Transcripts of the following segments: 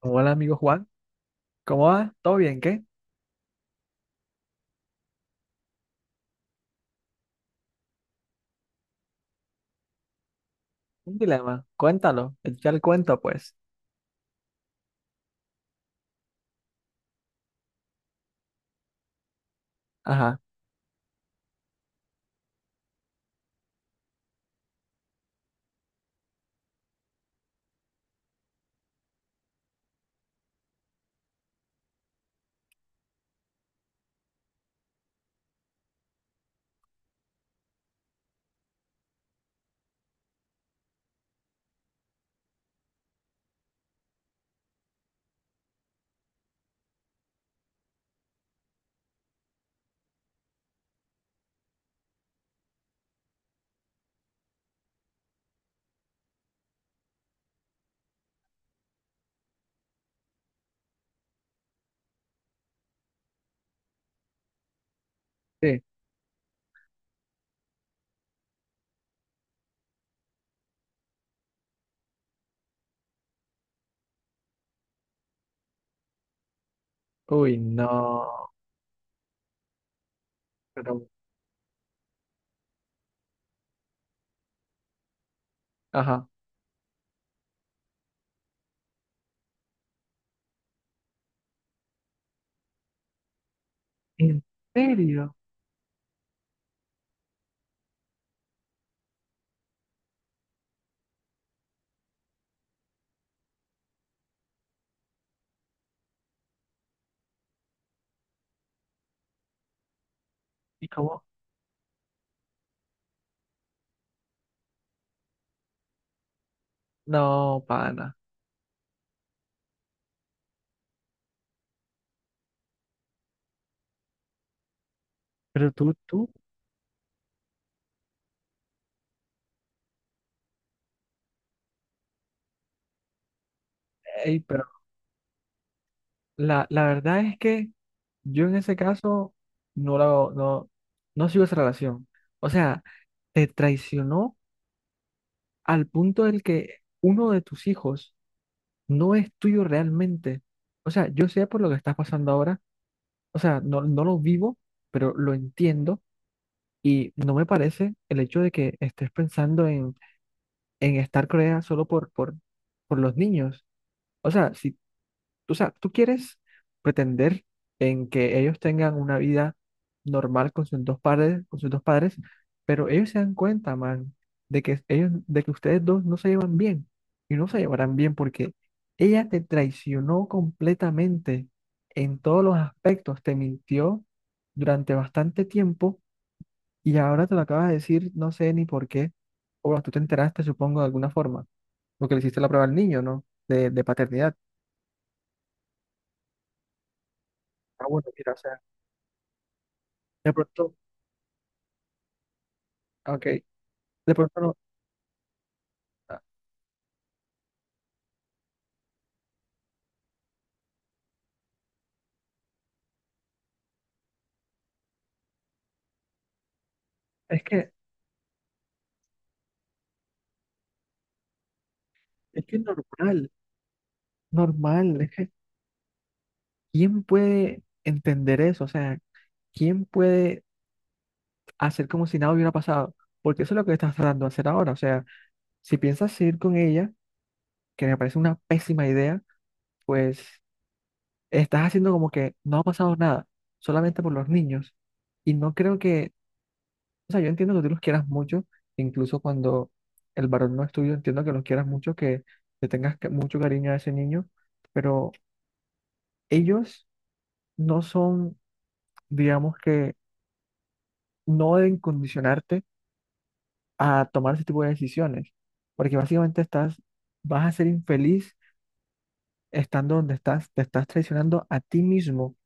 Hola amigo Juan, ¿cómo va? ¿Todo bien? ¿Qué? Un dilema, cuéntalo, echa el cuento pues. Ajá, sí. Uy, no, pero, ajá. ¿En serio? ¿Y cómo? No, pana. Pero tú, tú, pero la verdad es que yo en ese caso no la, no, no sigo esa relación. O sea, te traicionó al punto del que uno de tus hijos no es tuyo realmente. O sea, yo sé por lo que estás pasando ahora o sea, no, no lo vivo, pero lo entiendo y no me parece el hecho de que estés pensando en estar Corea solo por los niños. O sea, si o sea, tú quieres pretender en que ellos tengan una vida normal con sus dos padres, con sus dos padres, pero ellos se dan cuenta, man, de que ellos, de que ustedes dos no se llevan bien y no se llevarán bien porque ella te traicionó completamente en todos los aspectos, te mintió durante bastante tiempo y ahora te lo acabas de decir, no sé ni por qué, o bueno, tú te enteraste, supongo, de alguna forma, porque le hiciste la prueba al niño, ¿no? De paternidad. Ah, bueno, mira, o sea, de pronto. Ok, de pronto no. ah, Es que, es que es normal, normal. Es que, ¿quién puede entender eso? O sea, ¿quién puede hacer como si nada hubiera pasado? Porque eso es lo que estás tratando de hacer ahora. O sea, si piensas seguir con ella, que me parece una pésima idea, pues estás haciendo como que no ha pasado nada, solamente por los niños. Y no creo que, o sea, yo entiendo que tú los quieras mucho, incluso cuando el varón no es tuyo, entiendo que los quieras mucho, que le tengas mucho cariño a ese niño, pero ellos no son, digamos que, no deben condicionarte a tomar ese tipo de decisiones, porque básicamente estás, vas a ser infeliz estando donde estás, te estás traicionando a ti mismo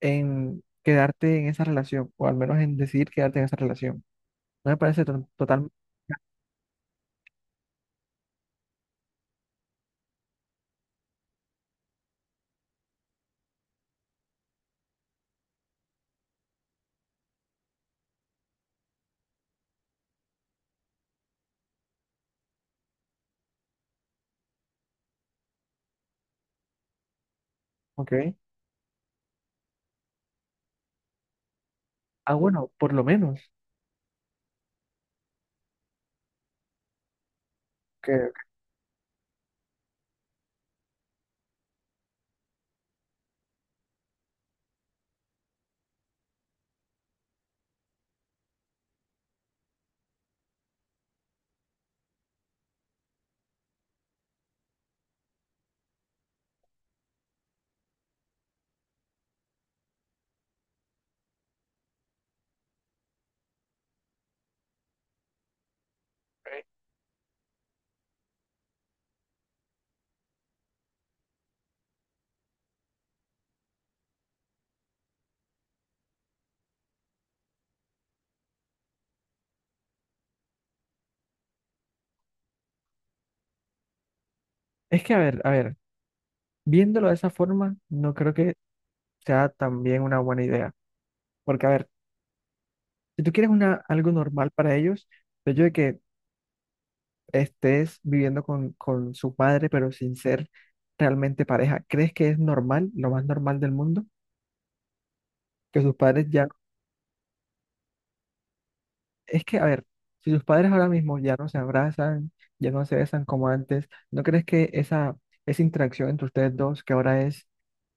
en quedarte en esa relación, o al menos en decidir quedarte en esa relación. No me parece totalmente, ¿ok? Ah, bueno, por lo menos. Que Es que, a ver, viéndolo de esa forma, no creo que sea también una buena idea. Porque, a ver, si tú quieres una, algo normal para ellos, el hecho de que estés viviendo con su padre, pero sin ser realmente pareja, ¿crees que es normal, lo más normal del mundo? Que sus padres ya... Es que, a ver, si sus padres ahora mismo ya no se abrazan, ya no se besan como antes, ¿no crees que esa interacción entre ustedes dos, que ahora es,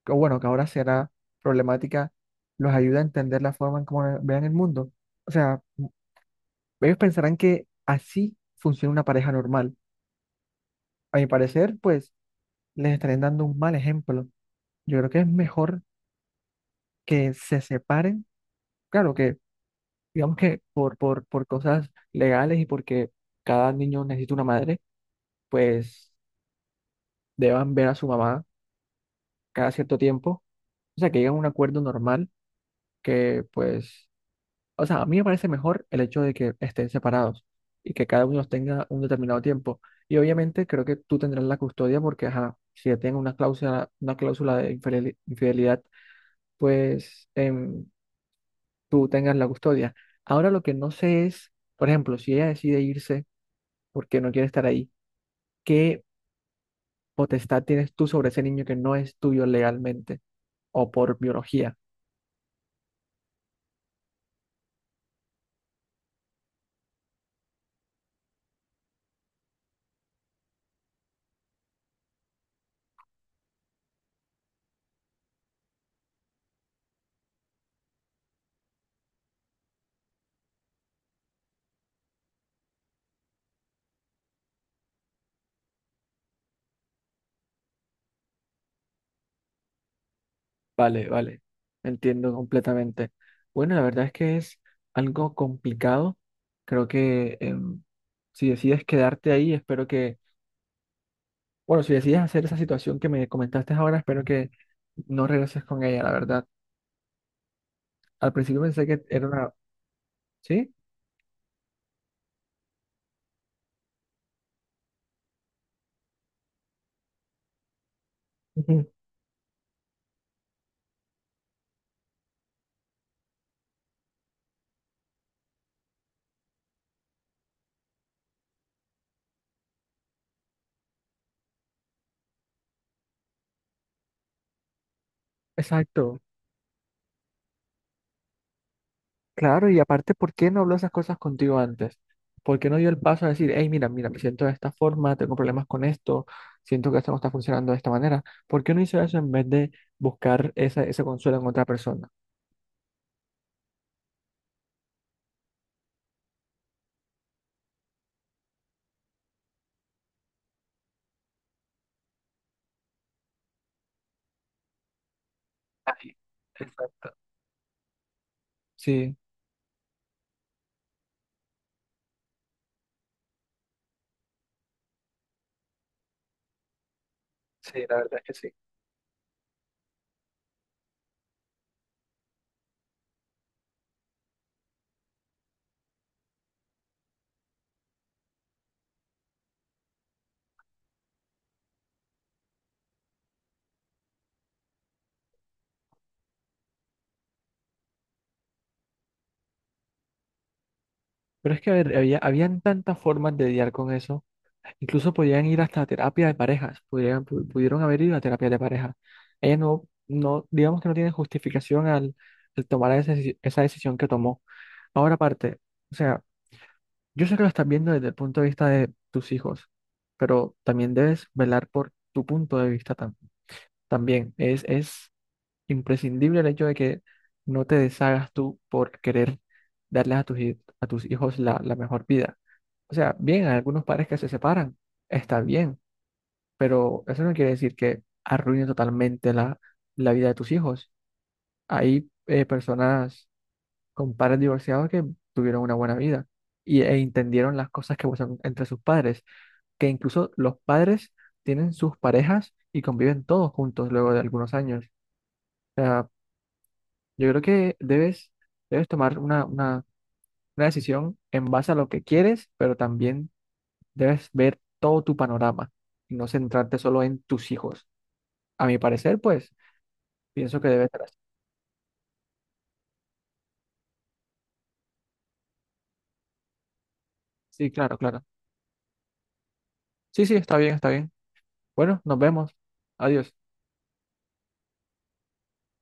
o bueno, que ahora será problemática, los ayuda a entender la forma en cómo vean el mundo? O sea, ellos pensarán que así funciona una pareja normal. A mi parecer, pues les estarían dando un mal ejemplo. Yo creo que es mejor que se separen, claro que digamos que por cosas legales y porque cada niño necesita una madre, pues deban ver a su mamá cada cierto tiempo, o sea, que lleguen a un acuerdo normal que pues, o sea, a mí me parece mejor el hecho de que estén separados y que cada uno los tenga un determinado tiempo. Y obviamente creo que tú tendrás la custodia porque, ajá, si ya tengo una cláusula de infidelidad, pues... tú tengas la custodia. Ahora lo que no sé es, por ejemplo, si ella decide irse porque no quiere estar ahí, ¿qué potestad tienes tú sobre ese niño que no es tuyo legalmente o por biología? Vale, vale, entiendo completamente. Bueno, la verdad es que es algo complicado. Creo que si decides quedarte ahí, espero que, bueno, si decides hacer esa situación que me comentaste ahora, espero que no regreses con ella, la verdad. Al principio pensé que era una... ¿Sí? Ujú. Exacto. Claro, y aparte, ¿por qué no habló esas cosas contigo antes? ¿Por qué no dio el paso a decir, hey, mira, mira, me siento de esta forma, tengo problemas con esto, siento que esto no está funcionando de esta manera? ¿Por qué no hizo eso en vez de buscar esa, ese consuelo en otra persona? Ay, exacto. Sí, sí, la verdad es que sí. Pero es que a ver, había, habían tantas formas de lidiar con eso. Incluso podían ir hasta terapia de parejas, pudieron haber ido a terapia de pareja. Ella no, no, digamos que no tiene justificación al, al tomar esa, esa decisión que tomó. Ahora aparte, o sea, yo sé que lo estás viendo desde el punto de vista de tus hijos, pero también debes velar por tu punto de vista también. Es imprescindible el hecho de que no te deshagas tú por querer darles a a tus hijos la, la mejor vida. O sea, bien, hay algunos padres que se separan, está bien, pero eso no quiere decir que arruine totalmente la, la vida de tus hijos. Hay personas con padres divorciados que tuvieron una buena vida y, e entendieron las cosas que pasan entre sus padres, que incluso los padres tienen sus parejas y conviven todos juntos luego de algunos años. O sea, yo creo que debes, debes tomar una decisión en base a lo que quieres, pero también debes ver todo tu panorama y no centrarte solo en tus hijos. A mi parecer, pues pienso que debe ser así. Sí, claro, claro. Sí, sí, está bien, está bien. Bueno, nos vemos. Adiós.